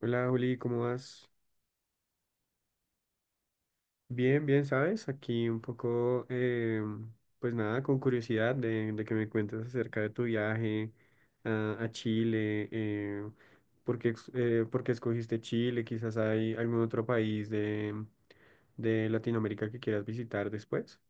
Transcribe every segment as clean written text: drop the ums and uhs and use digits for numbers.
Hola Juli, ¿cómo vas? Bien, bien, ¿sabes? Aquí un poco, pues nada, con curiosidad de que me cuentes acerca de tu viaje a Chile, por qué, por qué escogiste Chile, quizás hay algún otro país de Latinoamérica que quieras visitar después.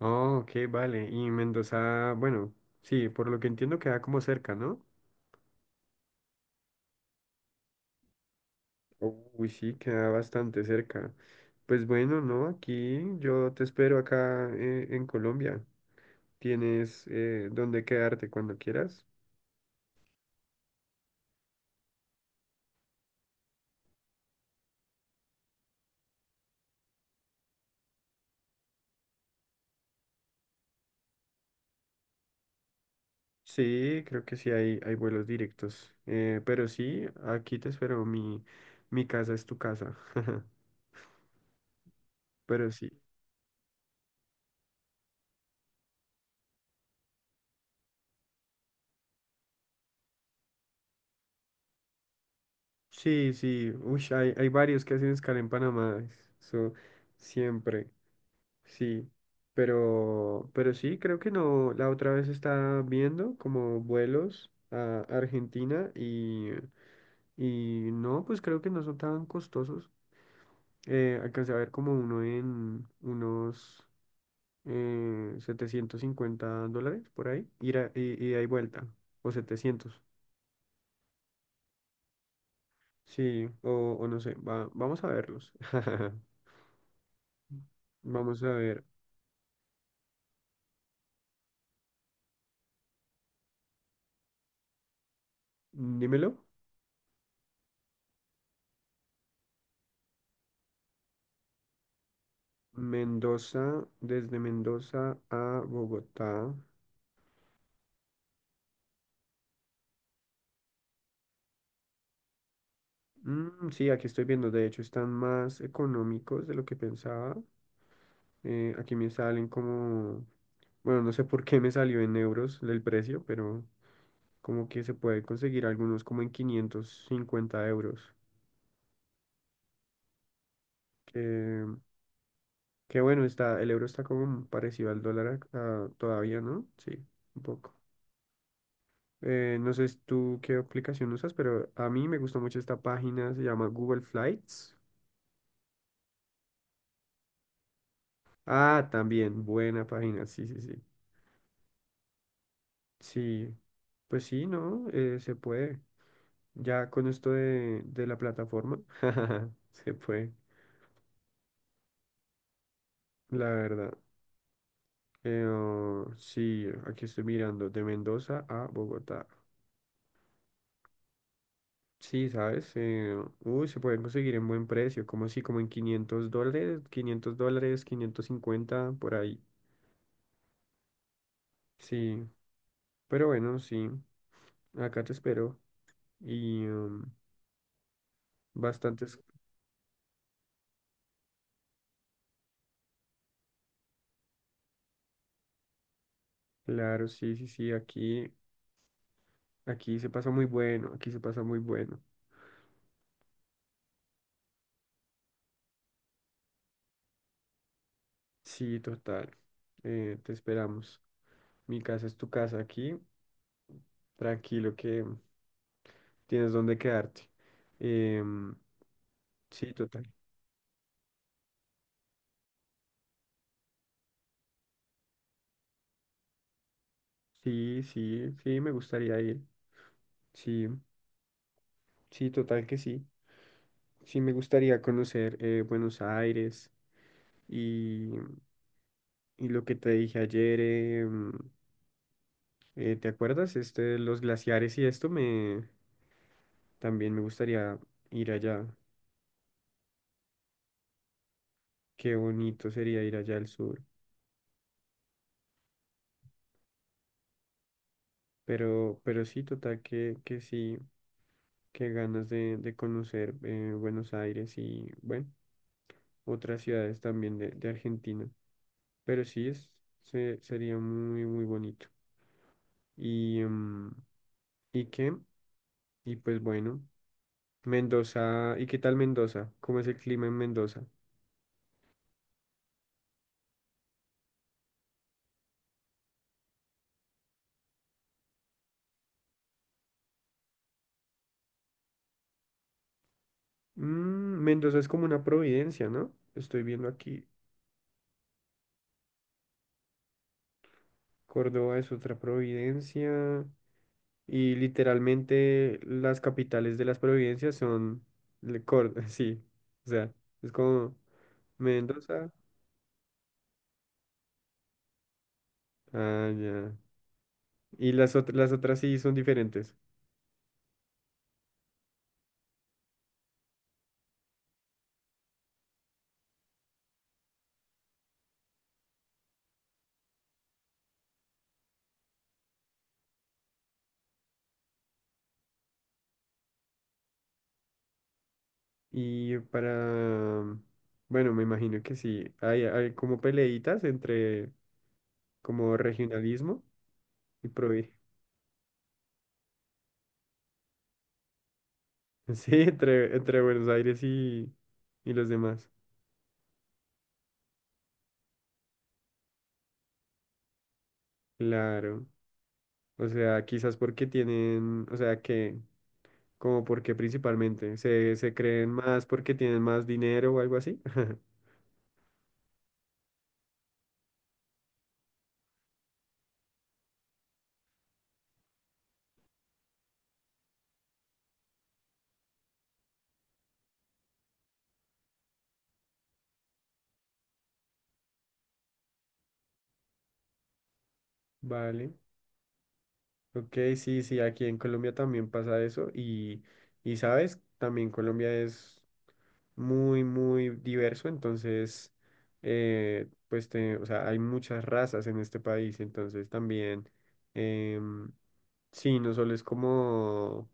Oh, ok, vale, y Mendoza, bueno, sí, por lo que entiendo queda como cerca, ¿no? Uy, sí, queda bastante cerca. Pues bueno, no, aquí yo te espero acá en Colombia. Tienes dónde quedarte cuando quieras. Sí, creo que sí hay vuelos directos. Pero sí, aquí te espero. Mi casa es tu casa. Pero sí. Sí, sí. Uy, hay varios que hacen escala en Panamá. Eso siempre. Sí, pero sí, creo que no. La otra vez estaba viendo como vuelos a Argentina y no, pues creo que no son tan costosos. Alcancé a ver como uno en unos $750 por ahí, ida y ahí vuelta, o 700. Sí, o no sé, vamos a verlos. Vamos a ver, dímelo. Mendoza, desde Mendoza a Bogotá. Mm, sí, aquí estoy viendo, de hecho están más económicos de lo que pensaba. Aquí me salen como, bueno, no sé por qué me salió en euros el precio, pero como que se puede conseguir algunos como en 550 euros. Que, que bueno, está, el euro está como parecido al dólar ah, todavía, ¿no? Sí, un poco. No sé tú qué aplicación usas, pero a mí me gusta mucho esta página, se llama Google Flights. Ah, también, buena página, sí, sí, sí. Sí, pues sí, ¿no? Se puede. Ya con esto de la plataforma, se puede, la verdad. Oh, sí, aquí estoy mirando, de Mendoza a Bogotá. Sí, ¿sabes? Uy, se pueden conseguir en buen precio, como así, como en $500, $500, 550 por ahí. Sí, pero bueno, sí, acá te espero. Y bastantes, claro, sí, sí, sí, aquí, aquí se pasa muy bueno, aquí se pasa muy bueno. Sí, total. Te esperamos. Mi casa es tu casa aquí. Tranquilo que tienes donde quedarte. Em, sí, total. Sí, sí, sí, me gustaría ir. Sí, sí, total que sí. Sí, me gustaría conocer Buenos Aires y, y lo que te dije ayer. ¿Te acuerdas? Este, los glaciares y esto me también me gustaría ir allá. Qué bonito sería ir allá al sur. Pero sí, total, que sí, que ganas de conocer Buenos Aires y, bueno, otras ciudades también de Argentina. Pero sí, es, sería muy, muy bonito. Y, ¿y qué? Y pues bueno, Mendoza, ¿y qué tal Mendoza? ¿Cómo es el clima en Mendoza? Mm, Mendoza es como una providencia, ¿no? Estoy viendo aquí, Córdoba es otra providencia. Y literalmente las capitales de las provincias son sí. O sea, es como Mendoza. Ah, ya. Y las otras sí son diferentes. Y para, mm, bueno, me imagino que sí. Hay como peleitas entre como regionalismo y provi. Sí, entre Buenos Aires y los demás. Claro. O sea, quizás porque tienen, o sea, que como porque principalmente se creen más porque tienen más dinero o algo así. Vale. Ok, sí, sí, aquí en Colombia también pasa eso y sabes, también Colombia es muy, muy diverso, entonces, pues, o sea, hay muchas razas en este país, entonces también, em, sí, no solo es como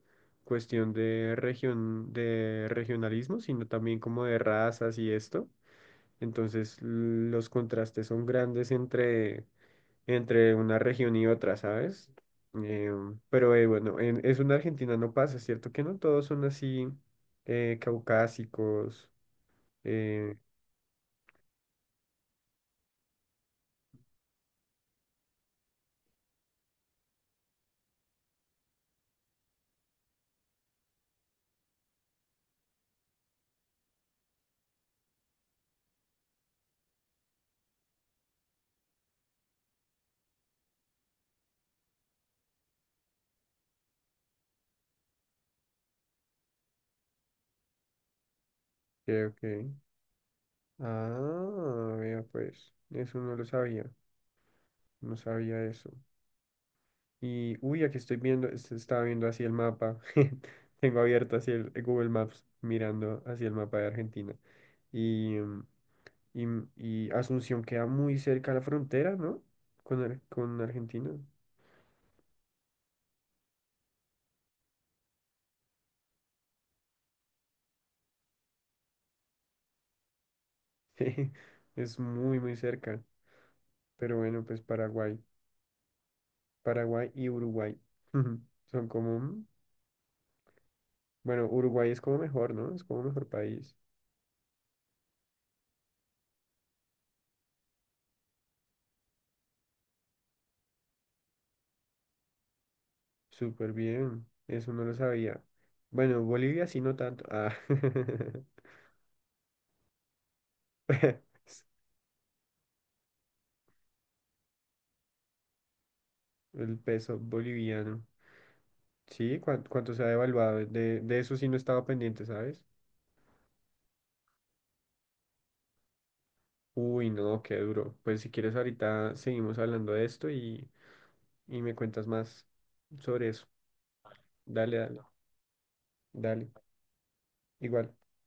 cuestión de región, de regionalismo, sino también como de razas y esto. Entonces los contrastes son grandes entre, entre una región y otra, ¿sabes? Pero bueno, en, eso en Argentina no pasa, ¿cierto? Que no todos son así caucásicos. Eh, ok, ok. Ah, vea pues, eso no lo sabía, no sabía eso. Y, uy, aquí estoy viendo, estaba viendo así el mapa, tengo abierto así el Google Maps, mirando hacia el mapa de Argentina. Y, Y, y Asunción queda muy cerca a la frontera, ¿no? Con, con Argentina. Jeje, es muy, muy cerca. Pero bueno, pues Paraguay. Paraguay y Uruguay. Son como mm, bueno, Uruguay es como mejor, ¿no? Es como mejor país. Súper bien. Eso no lo sabía. Bueno, Bolivia sí, no tanto. Ah. El peso boliviano. Sí, cuánto se ha devaluado. De eso sí no estaba pendiente, ¿sabes? Uy, no, qué duro. Pues si quieres ahorita seguimos hablando de esto y me cuentas más sobre eso. Dale, dale, dale. Igual.